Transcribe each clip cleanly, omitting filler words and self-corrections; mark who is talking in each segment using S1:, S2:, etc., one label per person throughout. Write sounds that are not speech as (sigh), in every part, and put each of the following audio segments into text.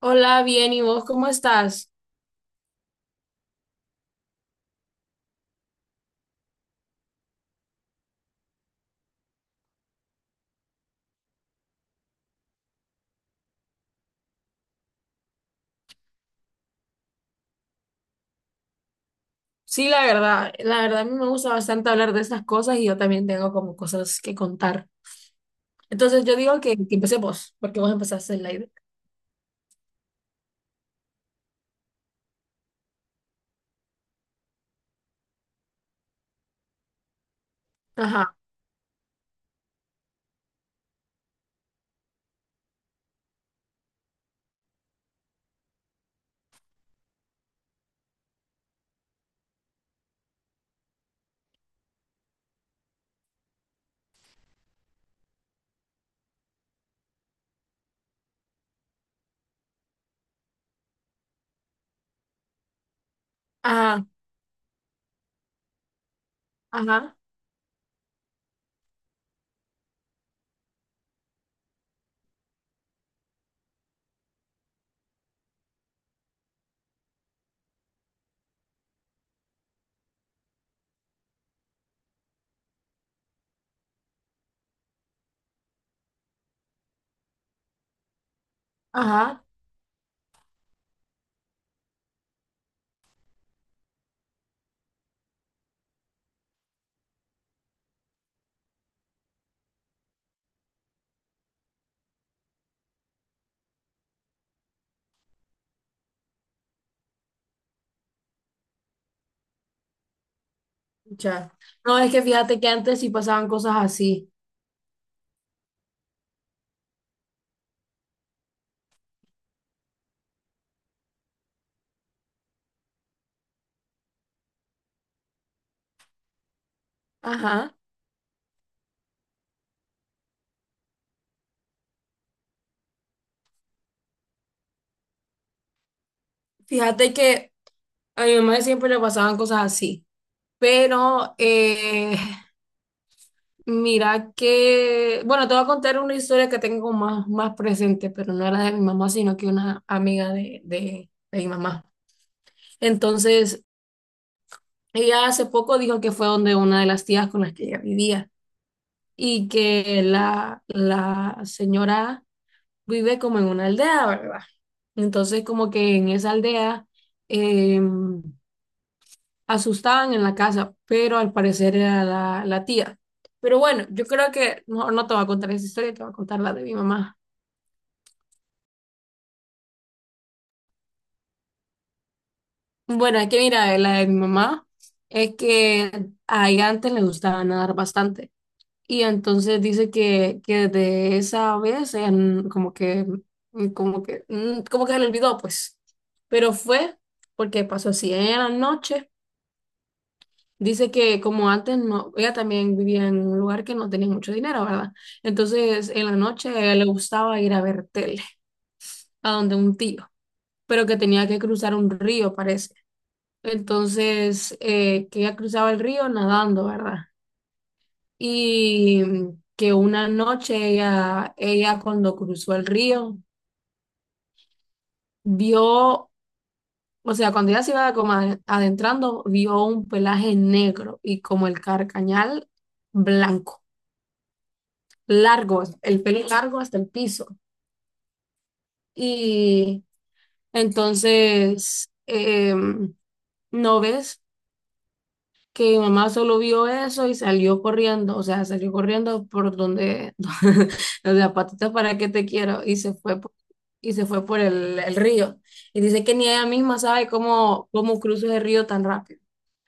S1: Hola, bien, ¿y vos cómo estás? Sí, la verdad a mí me gusta bastante hablar de estas cosas y yo también tengo como cosas que contar. Entonces yo digo que empecé vos, porque vos empezaste el live. Ajá, ajá, ajá, ajá, ya. No, es que fíjate que antes sí pasaban cosas así. Ajá. Fíjate que a mi mamá siempre le pasaban cosas así, pero mira que, bueno, te voy a contar una historia que tengo más, más presente, pero no era de mi mamá, sino que una amiga de mi mamá. Entonces, ella hace poco dijo que fue donde una de las tías con las que ella vivía y que la señora vive como en una aldea, ¿verdad? Entonces, como que en esa aldea eh, asustaban en la casa, pero al parecer era la tía. Pero bueno, yo creo que no, no te voy a contar esa historia, te voy a contar la de mi mamá. Bueno, es que mira, la de mi mamá es que a ella antes le gustaba nadar bastante y entonces dice que desde esa vez ella como que, como que, como que se le olvidó pues, pero fue porque pasó así. Ella en la noche dice que como antes no, ella también vivía en un lugar que no tenía mucho dinero, ¿verdad? Entonces en la noche a ella le gustaba ir a ver tele, a donde un tío, pero que tenía que cruzar un río, parece. Entonces, que ella cruzaba el río nadando, ¿verdad? Y que una noche ella cuando cruzó el río, vio, o sea, cuando ella se iba como adentrando, vio un pelaje negro y como el carcañal blanco, largo, el pelo largo hasta el piso. Y entonces, ¿no ves? Que mi mamá solo vio eso y salió corriendo, o sea, salió corriendo por donde, (laughs) o sea, patitas para que te quiero, y se fue y se fue por el río. Y dice que ni ella misma sabe cómo, cómo cruza el río tan rápido.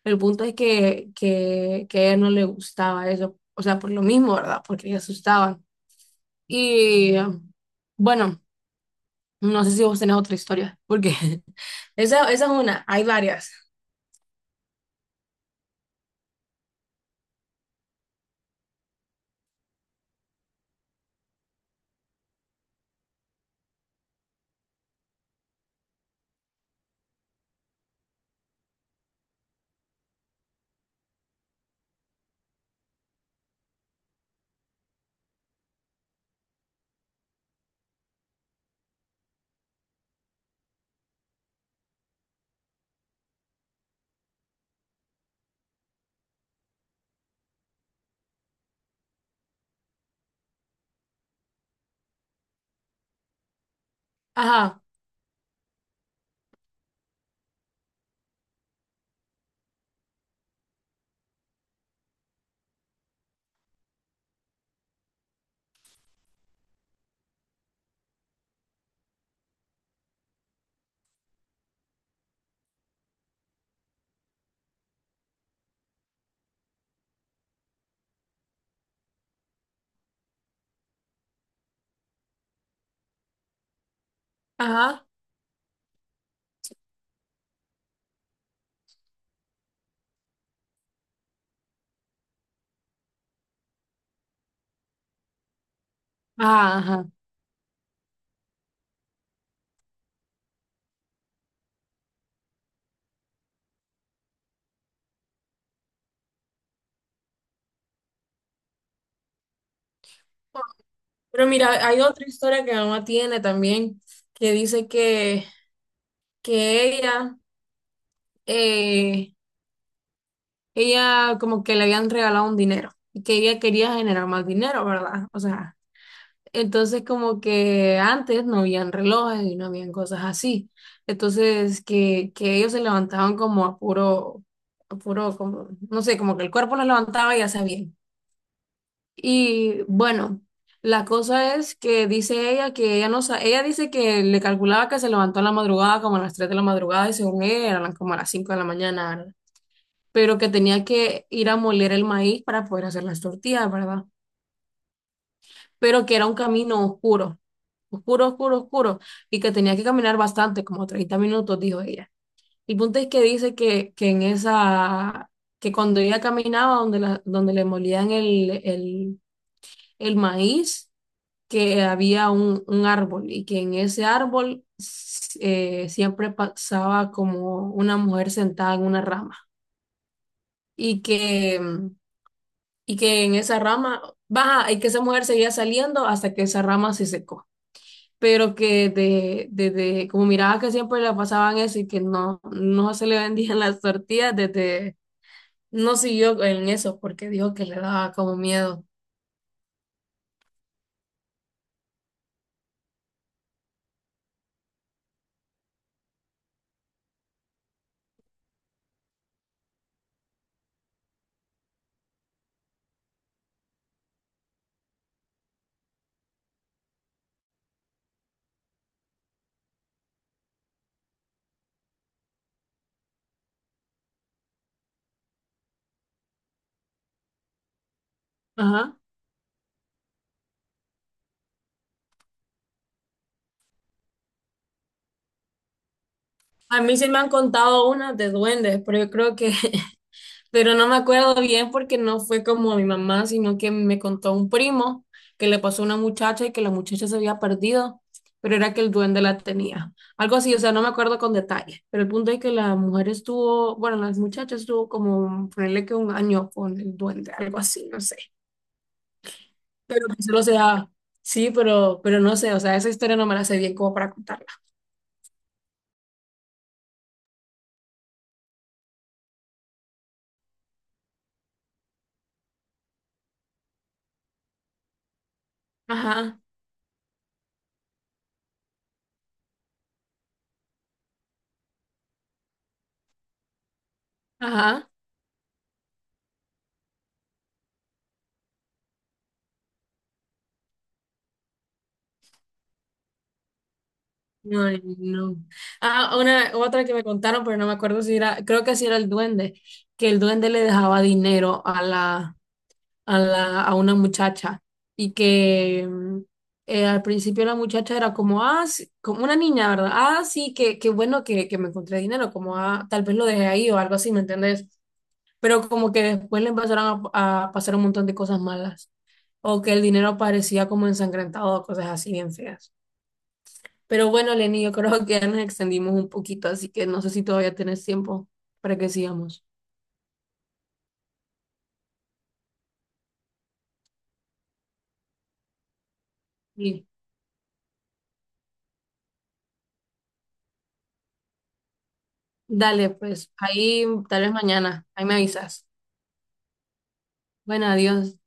S1: El punto es que a ella no le gustaba eso, o sea, por lo mismo, ¿verdad? Porque le asustaban. Y bueno, no sé si vos tenés otra historia, porque (laughs) esa es una, hay varias. Ajá, ajá, ajá, ajá. Pero mira, hay otra historia que mi mamá tiene también, que dice que, que ella, eh, ella como que le habían regalado un dinero y que ella quería generar más dinero, ¿verdad? O sea, entonces como que antes no habían relojes y no habían cosas así. Entonces que ellos se levantaban como a puro, como, no sé, como que el cuerpo los levantaba y ya sabían. Y bueno, la cosa es que dice ella que ella no sa- ella dice que le calculaba que se levantó en la madrugada, como a las 3 de la madrugada, y según ella eran como a las 5 de la mañana, pero que tenía que ir a moler el maíz para poder hacer las tortillas, ¿verdad? Pero que era un camino oscuro, oscuro, oscuro, oscuro, y que tenía que caminar bastante, como 30 minutos, dijo ella. El punto es que dice que en esa, que cuando ella caminaba donde, la, donde le molían el maíz, que había un árbol y que en ese árbol siempre pasaba como una mujer sentada en una rama y que, y que en esa rama, baja, y que esa mujer seguía saliendo hasta que esa rama se secó. Pero que de como miraba que siempre le pasaban eso y que no, no se le vendían (laughs) las tortillas, desde, no siguió en eso porque dijo que le daba como miedo. Ajá. A mí sí me han contado unas de duendes, pero yo creo que, pero no me acuerdo bien porque no fue como mi mamá, sino que me contó un primo que le pasó a una muchacha y que la muchacha se había perdido, pero era que el duende la tenía. Algo así, o sea, no me acuerdo con detalle, pero el punto es que la mujer estuvo, bueno, las muchachas estuvo como, ponerle que un año con el duende, algo así, no sé. Pero que solo sea, sí, pero no sé, o sea, esa historia no me la sé bien como para contarla. Ajá, ajá. Ay, no. Ah, una, otra que me contaron, pero no me acuerdo si era, creo que si era el duende, que el duende le dejaba dinero a una muchacha y que al principio la muchacha era como, ah, sí", como una niña, ¿verdad? Ah, sí, qué bueno que me encontré dinero, como, ah, tal vez lo dejé ahí o algo así, ¿me entiendes? Pero como que después le empezaron a pasar un montón de cosas malas o que el dinero parecía como ensangrentado, cosas así bien feas. Pero bueno, Lenny, yo creo que ya nos extendimos un poquito, así que no sé si todavía tienes tiempo para que sigamos. Sí. Dale, pues ahí tal vez mañana, ahí me avisas. Bueno, adiós.